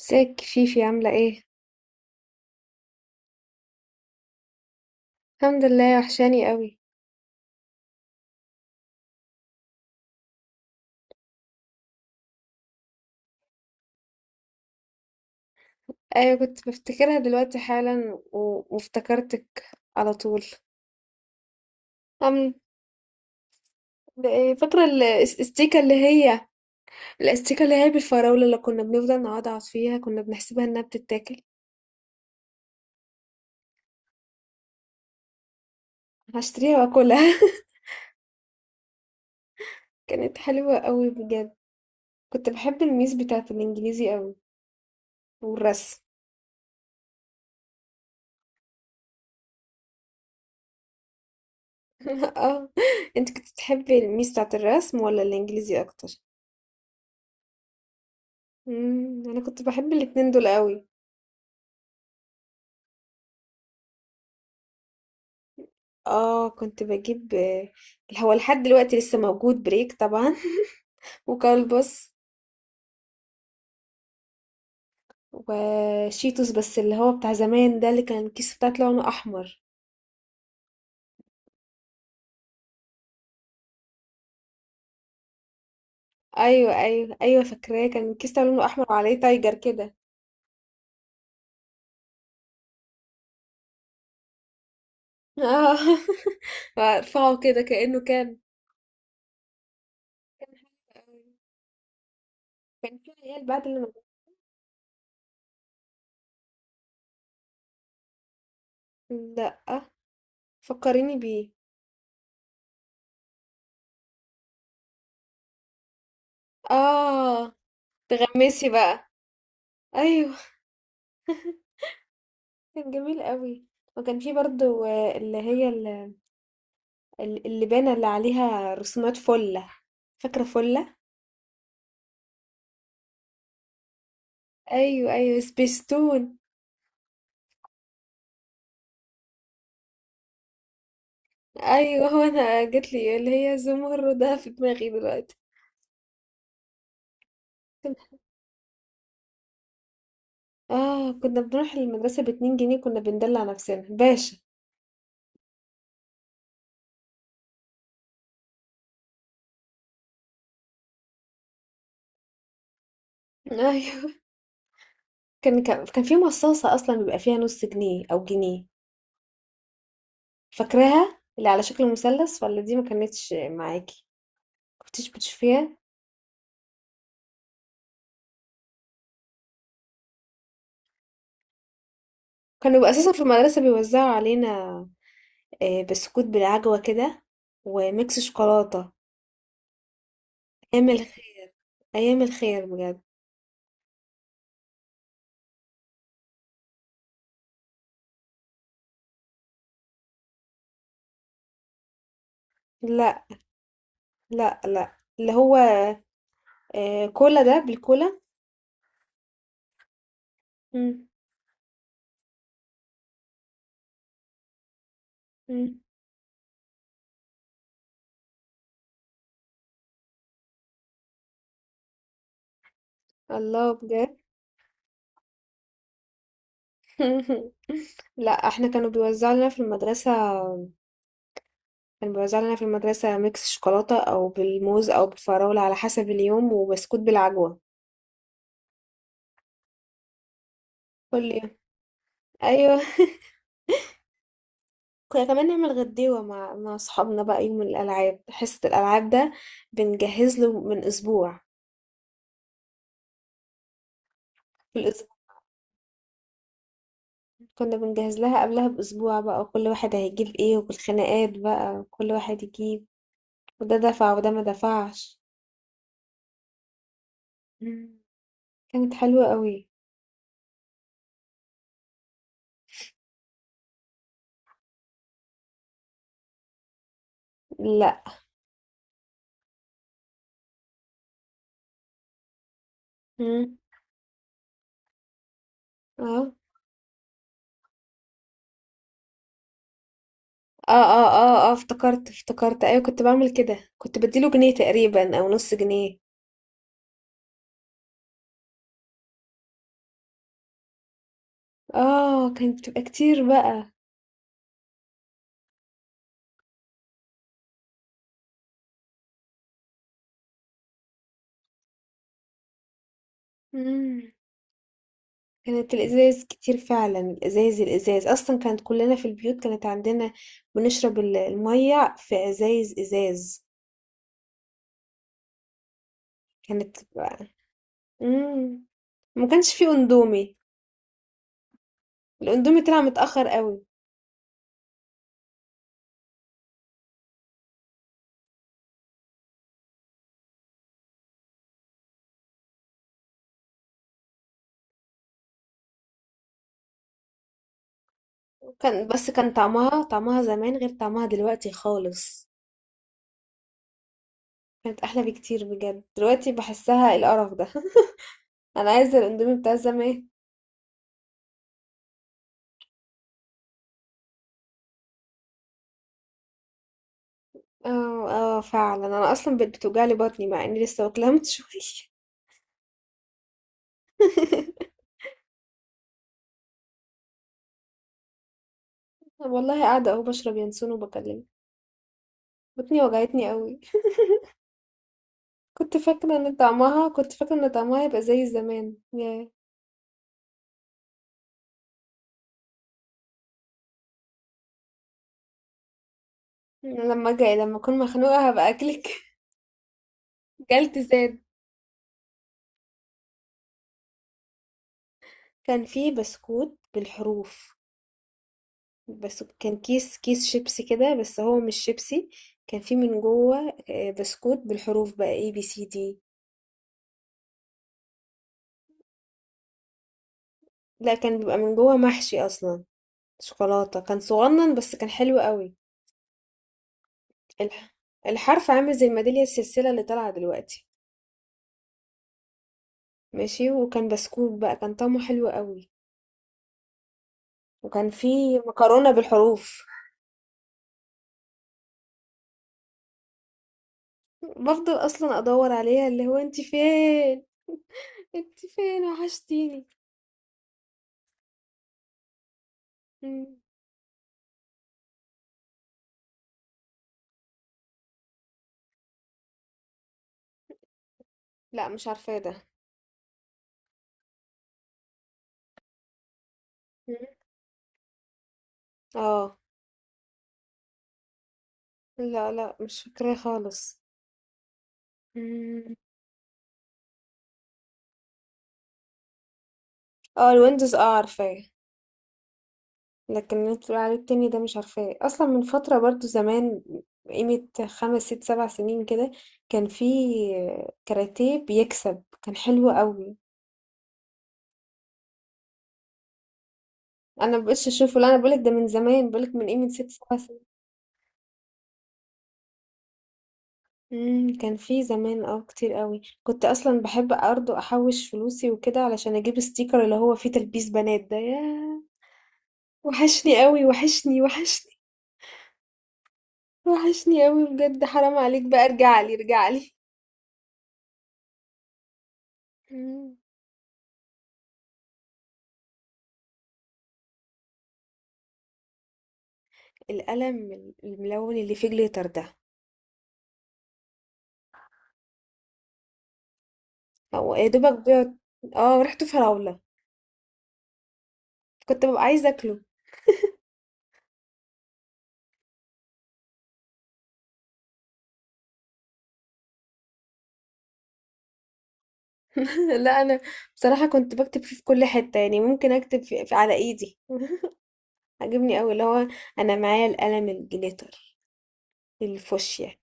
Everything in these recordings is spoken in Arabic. ازيك فيفي عاملة ايه؟ الحمد لله، وحشاني قوي. ايوه، كنت بفتكرها دلوقتي حالا و... وافتكرتك على طول. أم... ده إيه، فاكرة الاستيكة اللي هي بالفراولة اللي كنا بنفضل نقعد فيها، كنا بنحسبها انها بتتاكل. هشتريها واكلها. كانت حلوة قوي بجد. كنت بحب الميس بتاعة الانجليزي قوي، والرسم. اه، انت كنت بتحبي الميس بتاعة الرسم ولا الانجليزي اكتر؟ مم، انا كنت بحب الاتنين دول قوي. اه كنت بجيب. هو لحد دلوقتي لسه موجود بريك طبعا. وكلبس وشيتوس، بس اللي هو بتاع زمان ده، اللي كان الكيس بتاعته لونه احمر. ايوه ايوه ايوه، فاكراه. كان الكيس بتاعه لونه احمر وعليه تايجر كده. اه. ارفعه كده كأنه كان حلو. كان في عيال بعد اللي ما- لا، فكريني بيه. اه تغمسي بقى. ايوه كان جميل قوي. وكان في برضو اللي هي اللبانة اللي عليها رسومات فلة، فاكرة فلة. ايوه ايوه، سبيستون. ايوه، هو انا جت لي اللي هي زمردة في دماغي دلوقتي. اه كنا بنروح المدرسة ب2 جنيه، كنا بندلع نفسنا باشا. ايوه كان في مصاصة اصلا بيبقى فيها نص جنيه او جنيه، فاكراها اللي على شكل مثلث. ولا دي ما كانتش معاكي، كنتش بتشوفيها؟ كانوا بيبقوا اساسا في المدرسة بيوزعوا علينا بسكوت بالعجوة كده، وميكس شوكولاتة. أيام الخير، أيام الخير بجد. لا لا لا، اللي هو آه كولا ده، بالكولا. مم. مم. الله، بجد. لا، احنا كانوا بيوزعوا لنا في المدرسة، كانوا بيوزعوا لنا في المدرسة ميكس شوكولاتة أو بالموز أو بالفراولة على حسب اليوم، وبسكوت بالعجوة كل يوم. أيوه. كنا كمان نعمل غديوة مع أصحابنا بقى يوم الألعاب، حصة الألعاب ده بنجهز له من أسبوع. كنا بنجهز لها قبلها بأسبوع بقى، وكل واحد هيجيب ايه، والخناقات بقى كل واحد يجيب، وده دفع وده ما دفعش. مم. كانت حلوة قوي. لا. مم. اه اه اه اه اه، افتكرت ايوه، كنت بعمل كده، كنت بديله جنيه تقريبا او نص جنيه. اه كانت بتبقى كتير بقى. مم. كانت الازاز كتير فعلا، الازاز اصلا كانت كلنا في البيوت كانت عندنا، بنشرب المية في ازايز ازاز. كانت. إمم. ما كانش في أندومي، الأندومي طلع متأخّر أوي. بس كان طعمها زمان غير طعمها دلوقتي خالص. كانت أحلى بكتير بجد، دلوقتي باحسّها القرف ده. أنا عايزة الأندومي بتاع زمان. آه، آه فعلًا، أنا أصلًا بقت بتوجع لي بطني مع إني لسه واكلاها من شوية. والله قاعدة أهو باشرب ينسون وباكلمِك، بطني وجعتني أوي. كنت فاكرة إن طعمها هيبقى زي زمان، ياه! أنا لمّا أكون مخنوقة هابقى أكلِك. كلت زاد. كان فيه بسكوت بالحروف، بس كان كيس شيبسي كده، بس هو مش شيبسي. كان فيه من جوه بسكوت بالحروف بقى، ABCD. لا كان بيبقى من جوه محشي اصلا شوكولاتة، كان صغنن بس كان حلو قوي. الح- الحرف عامل زي الميدالية السلسلة اللي طالعة دلوقتي. ماشي. وكان بسكوت بقى كان طعمه حلو قوي. وكان فيه مكرونة بالحروف. بفضل اصلا ادور عليها، اللي هو انت فين؟ انت فين؟ وحشتيني. مم. لا، مش عارفاه ده. مم. اه لا لا، مش فاكراه خالص. مم. اه الويندوز، اه عارفاه. لكن اللي انت بتقول عليه التاني ده مش عارفاه اصلا، من فترة برضو زمان، قيمة 5 6 7 سنين كده. كان في كاراتيه بيكسب، كان حلو قوي. انا مبقتش اشوفه، لا انا بقولك ده من زمان، بقولك من قيمة 6 7 سنين. مم، كان في زمان كتير قوي، كنت اصلا بحب برضه احوش فلوسي وكده علشان اجيب ستيكر اللي هو فيه تلبيس بنات ده، ياه. وحشني قوي، وحشني، وحشني. وحشني أوي بجد، حرام عليك بقى، ارجعلي، ارجعلي. مم. القلم الملون اللي فيه جليتر ده، هو يا دوبك بيقعد. اه ريحته فراولة، كنت ببقى عايزة اكله. لا انا بصراحة كنت بكتب فيه في كل حتة، يعني ممكن اكتب في على ايدي. عجبني قوي اللي هو، انا معايا القلم الجليتر الفوشيا.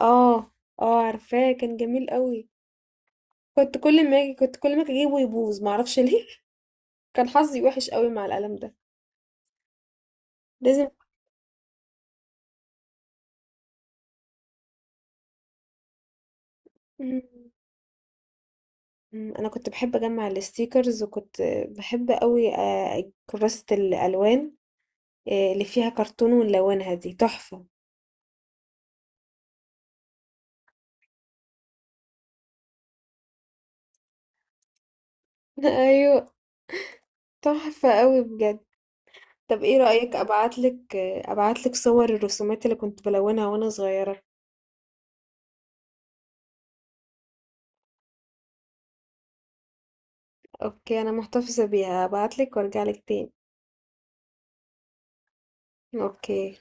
اه اه عارفاه، كان جميل قوي. كنت كل ما أجي اجيبه يبوظ، معرفش ليه. كان حظي وحش قوي مع القلم ده. لازم. مم، انا كنت بحب اجمع الستيكرز، وكنت بحب قوي كراسة الالوان، اللي فيها كرتون ونلونها دي تحفة. ايوه تحفة قوي بجد. طب ايه رأيك ابعتلك صور الرسومات اللي كنت بلونها وانا صغيرة. اوكي، انا محتفظة بيها، ابعتلك وارجعلك تاني. اوكي.